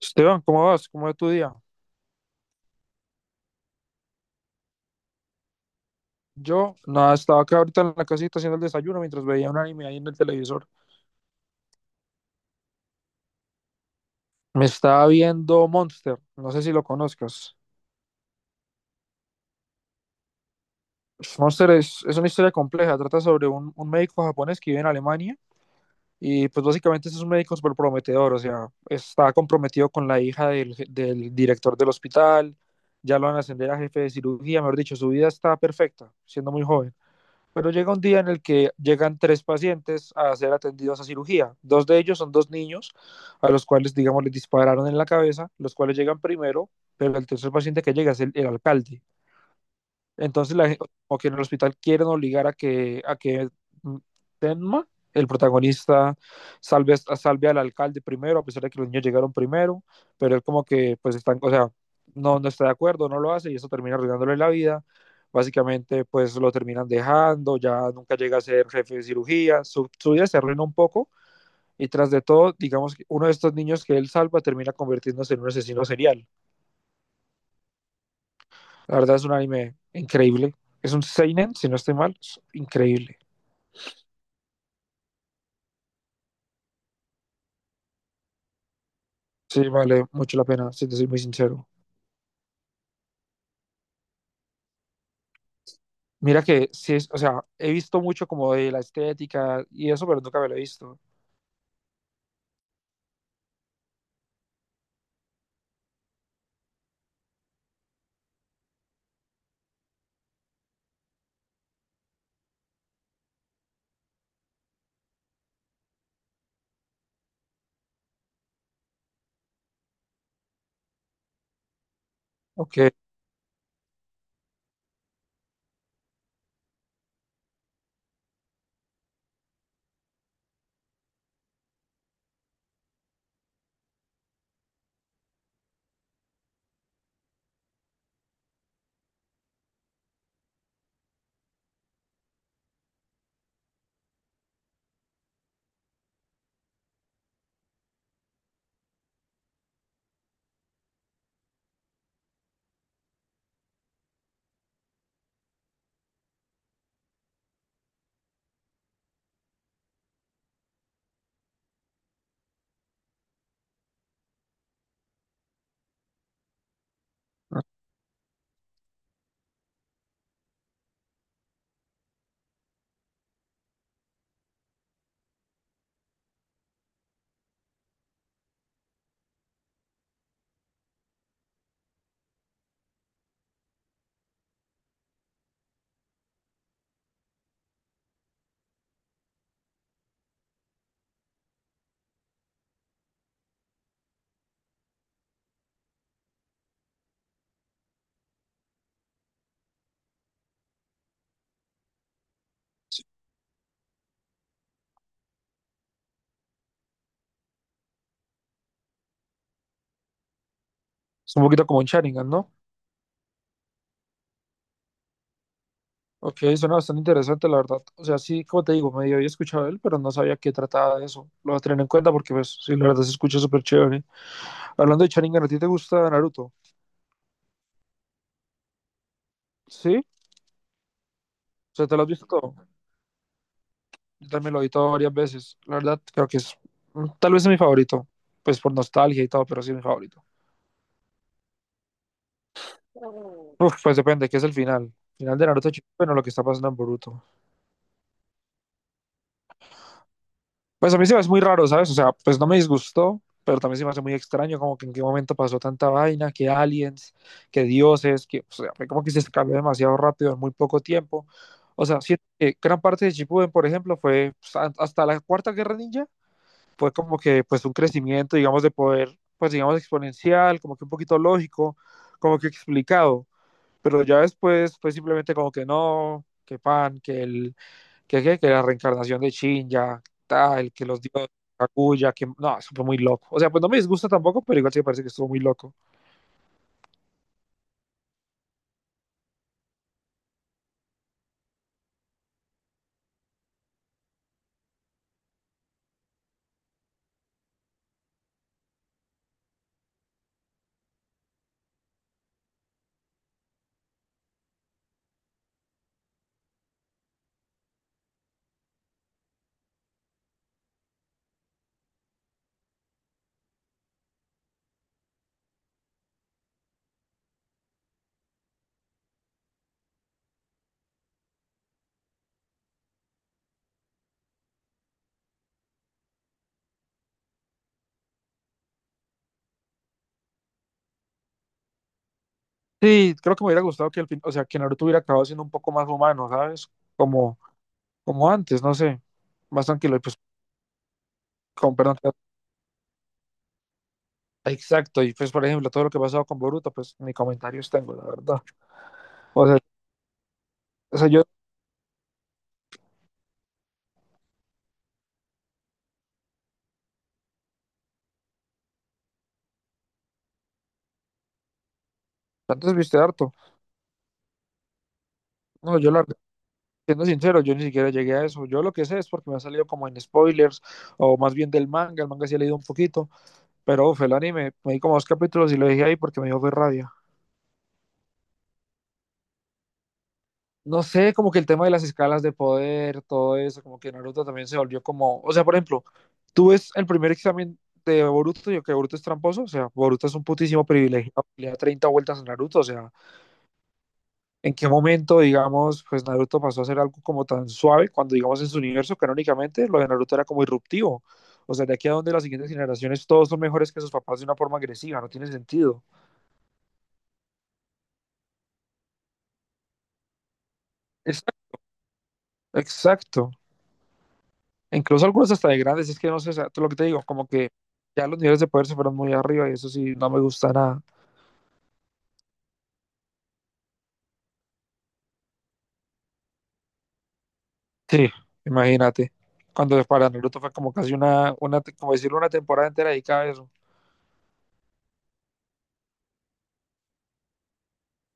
Esteban, ¿cómo vas? ¿Cómo va tu día? Yo, nada, estaba acá ahorita en la casita haciendo el desayuno mientras veía un anime ahí en el televisor. Me estaba viendo Monster, no sé si lo conozcas. Monster es una historia compleja, trata sobre un médico japonés que vive en Alemania y pues básicamente es un médico súper prometedor, o sea, está comprometido con la hija del director del hospital, ya lo van a ascender a jefe de cirugía, mejor dicho, su vida está perfecta, siendo muy joven. Pero llega un día en el que llegan tres pacientes a ser atendidos a cirugía. Dos de ellos son dos niños a los cuales, digamos, les dispararon en la cabeza, los cuales llegan primero, pero el tercer paciente que llega es el alcalde, entonces, como que en el hospital quieren obligar a que mm, Tenma, el protagonista, salve al alcalde primero, a pesar de que los niños llegaron primero, pero él como que, pues, están, o sea, no, no está de acuerdo, no lo hace y eso termina arruinándole la vida. Básicamente, pues, lo terminan dejando, ya nunca llega a ser jefe de cirugía, su vida se arruina un poco y tras de todo, digamos que uno de estos niños que él salva termina convirtiéndose en un asesino serial. La verdad es un anime increíble. Es un Seinen, si no estoy mal, es increíble. Sí, vale mucho la pena, si te soy muy sincero. Mira que sí, o sea, he visto mucho como de la estética y eso, pero nunca me lo he visto. Ok, es un poquito como un Sharingan, ¿no? Ok, suena bastante interesante, la verdad. O sea, sí, como te digo, medio había escuchado de él, pero no sabía qué trataba de eso. Lo voy a tener en cuenta porque, pues, sí, la verdad se escucha súper chévere. Hablando de Sharingan, ¿a ti te gusta Naruto? ¿Sí? O sea, ¿te lo has visto todo? Yo también lo he visto varias veces. La verdad, creo que tal vez es mi favorito, pues por nostalgia y todo, pero sí es mi favorito. Uf, pues depende, ¿qué es el final? Final de Naruto Shippuden bueno, lo que está pasando en Boruto. Pues a mí se me hace muy raro, ¿sabes? O sea, pues no me disgustó, pero también se me hace muy extraño como que en qué momento pasó tanta vaina, que aliens, que dioses, o sea, fue como que se cambió demasiado rápido en muy poco tiempo. O sea, siento que gran parte de Shippuden, por ejemplo, fue pues, hasta la Cuarta Guerra Ninja, fue como que pues un crecimiento, digamos, de poder, pues digamos, exponencial, como que un poquito lógico, como que explicado, pero ya después fue simplemente como que no, que pan, que el, que la reencarnación de Shin, ya, tal, que los dioses, Kaguya, que no, eso fue muy loco. O sea, pues no me disgusta tampoco, pero igual sí me parece que estuvo muy loco. Sí, creo que me hubiera gustado que al fin, o sea, que Naruto hubiera acabado siendo un poco más humano, ¿sabes? Como, como antes, no sé, más tranquilo y pues, con perdón. Exacto, y pues por ejemplo, todo lo que ha pasado con Boruto, pues ni comentarios tengo, la verdad. O sea, o sea, yo antes viste harto. No, yo la verdad, siendo sincero, yo ni siquiera llegué a eso. Yo lo que sé es porque me ha salido como en spoilers, o más bien del manga, el manga sí he leído un poquito, pero uf, el anime, me di como dos capítulos y lo dejé ahí porque me dio fue rabia. No sé, como que el tema de las escalas de poder, todo eso, como que Naruto también se volvió como, o sea, por ejemplo, tú ves el primer examen de Boruto y que Boruto es tramposo, o sea, Boruto es un putísimo privilegiado, le da 30 vueltas a Naruto, o sea, en qué momento, digamos, pues Naruto pasó a ser algo como tan suave cuando, digamos, en su universo canónicamente lo de Naruto era como irruptivo. O sea, de aquí a donde las siguientes generaciones todos son mejores que sus papás de una forma agresiva, no tiene sentido. Exacto. Exacto. Incluso algunos hasta de grandes, es que no sé, o sea, lo que te digo, como que ya los niveles de poder se fueron muy arriba y eso sí, no me gusta nada. Sí, imagínate. Cuando para Naruto fue como casi una como decirlo, una temporada entera dedicada a eso.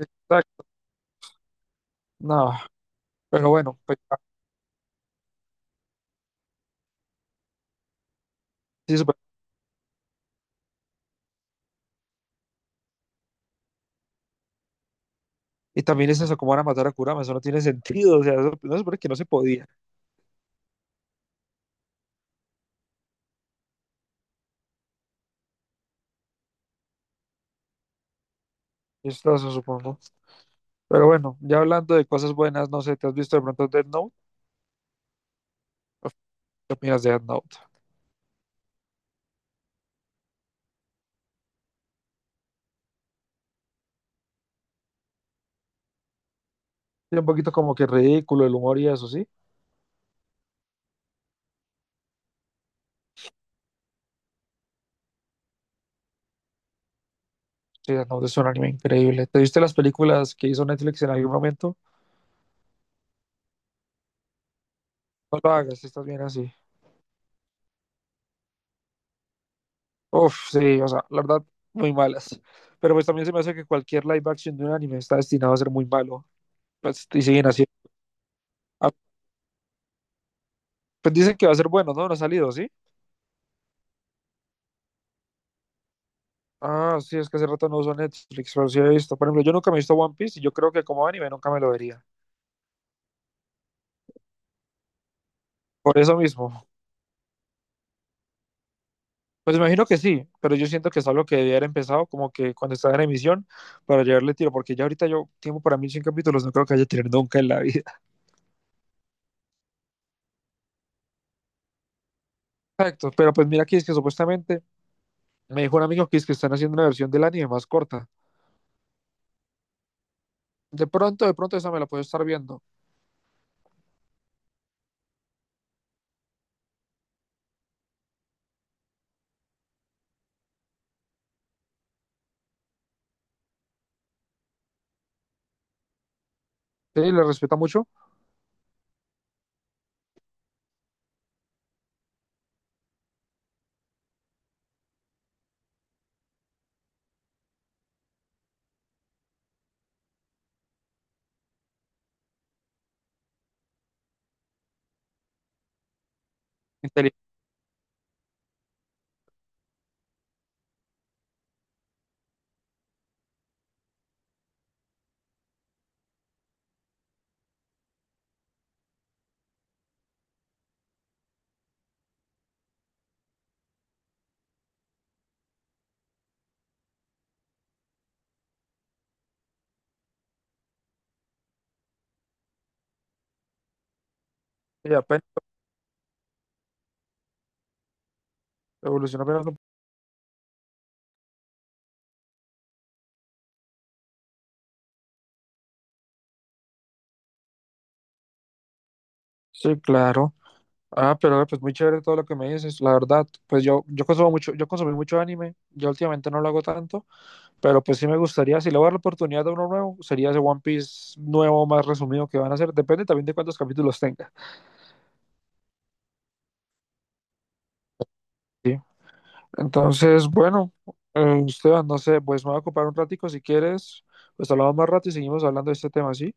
Exacto. No, pero bueno, pues sí. Y también les como van a matar a Kurama, eso no tiene sentido, o sea, no se supone que no se podía. Esto se supongo. Pero bueno, ya hablando de cosas buenas, no sé, ¿te has visto de pronto Death Note? Uf, ¿qué opinas de Death Note? Sí, un poquito como que ridículo el humor y eso, ¿sí? Sí, Death Note es un anime increíble. ¿Te viste las películas que hizo Netflix en algún momento? No lo hagas, si estás bien así. Uf, sí, o sea, la verdad, muy malas. Pero pues también se me hace que cualquier live action de un anime está destinado a ser muy malo. Pues, y siguen así. Ah, pues dicen que va a ser bueno, ¿no? No ha salido, ¿sí? Ah, sí, es que hace rato no uso Netflix, pero sí he visto. Por ejemplo, yo nunca me he visto One Piece y yo creo que como anime nunca me lo vería. Por eso mismo. Pues imagino que sí, pero yo siento que es algo que debía haber empezado como que cuando estaba en emisión para llevarle tiro, porque ya ahorita yo tiempo para 1100 capítulos no creo que haya tenido nunca en la vida. Exacto, pero pues mira aquí es que supuestamente me dijo un amigo que es que están haciendo una versión del anime más corta. De pronto esa me la puedo estar viendo. Sí, le respeta mucho. Inteligente y apenas evoluciona apenas. Sí, claro. Ah, pero pues muy chévere todo lo que me dices, la verdad. Pues yo consumo mucho, yo consumí mucho anime, yo últimamente no lo hago tanto, pero pues sí me gustaría, si le voy a dar la oportunidad de uno nuevo, sería ese One Piece nuevo, más resumido que van a hacer, depende también de cuántos capítulos tenga. Sí. Entonces, bueno, Esteban, no sé, pues me voy a ocupar un ratico si quieres, pues hablamos más rato y seguimos hablando de este tema, ¿sí?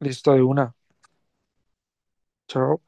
Listo, de una. Chao.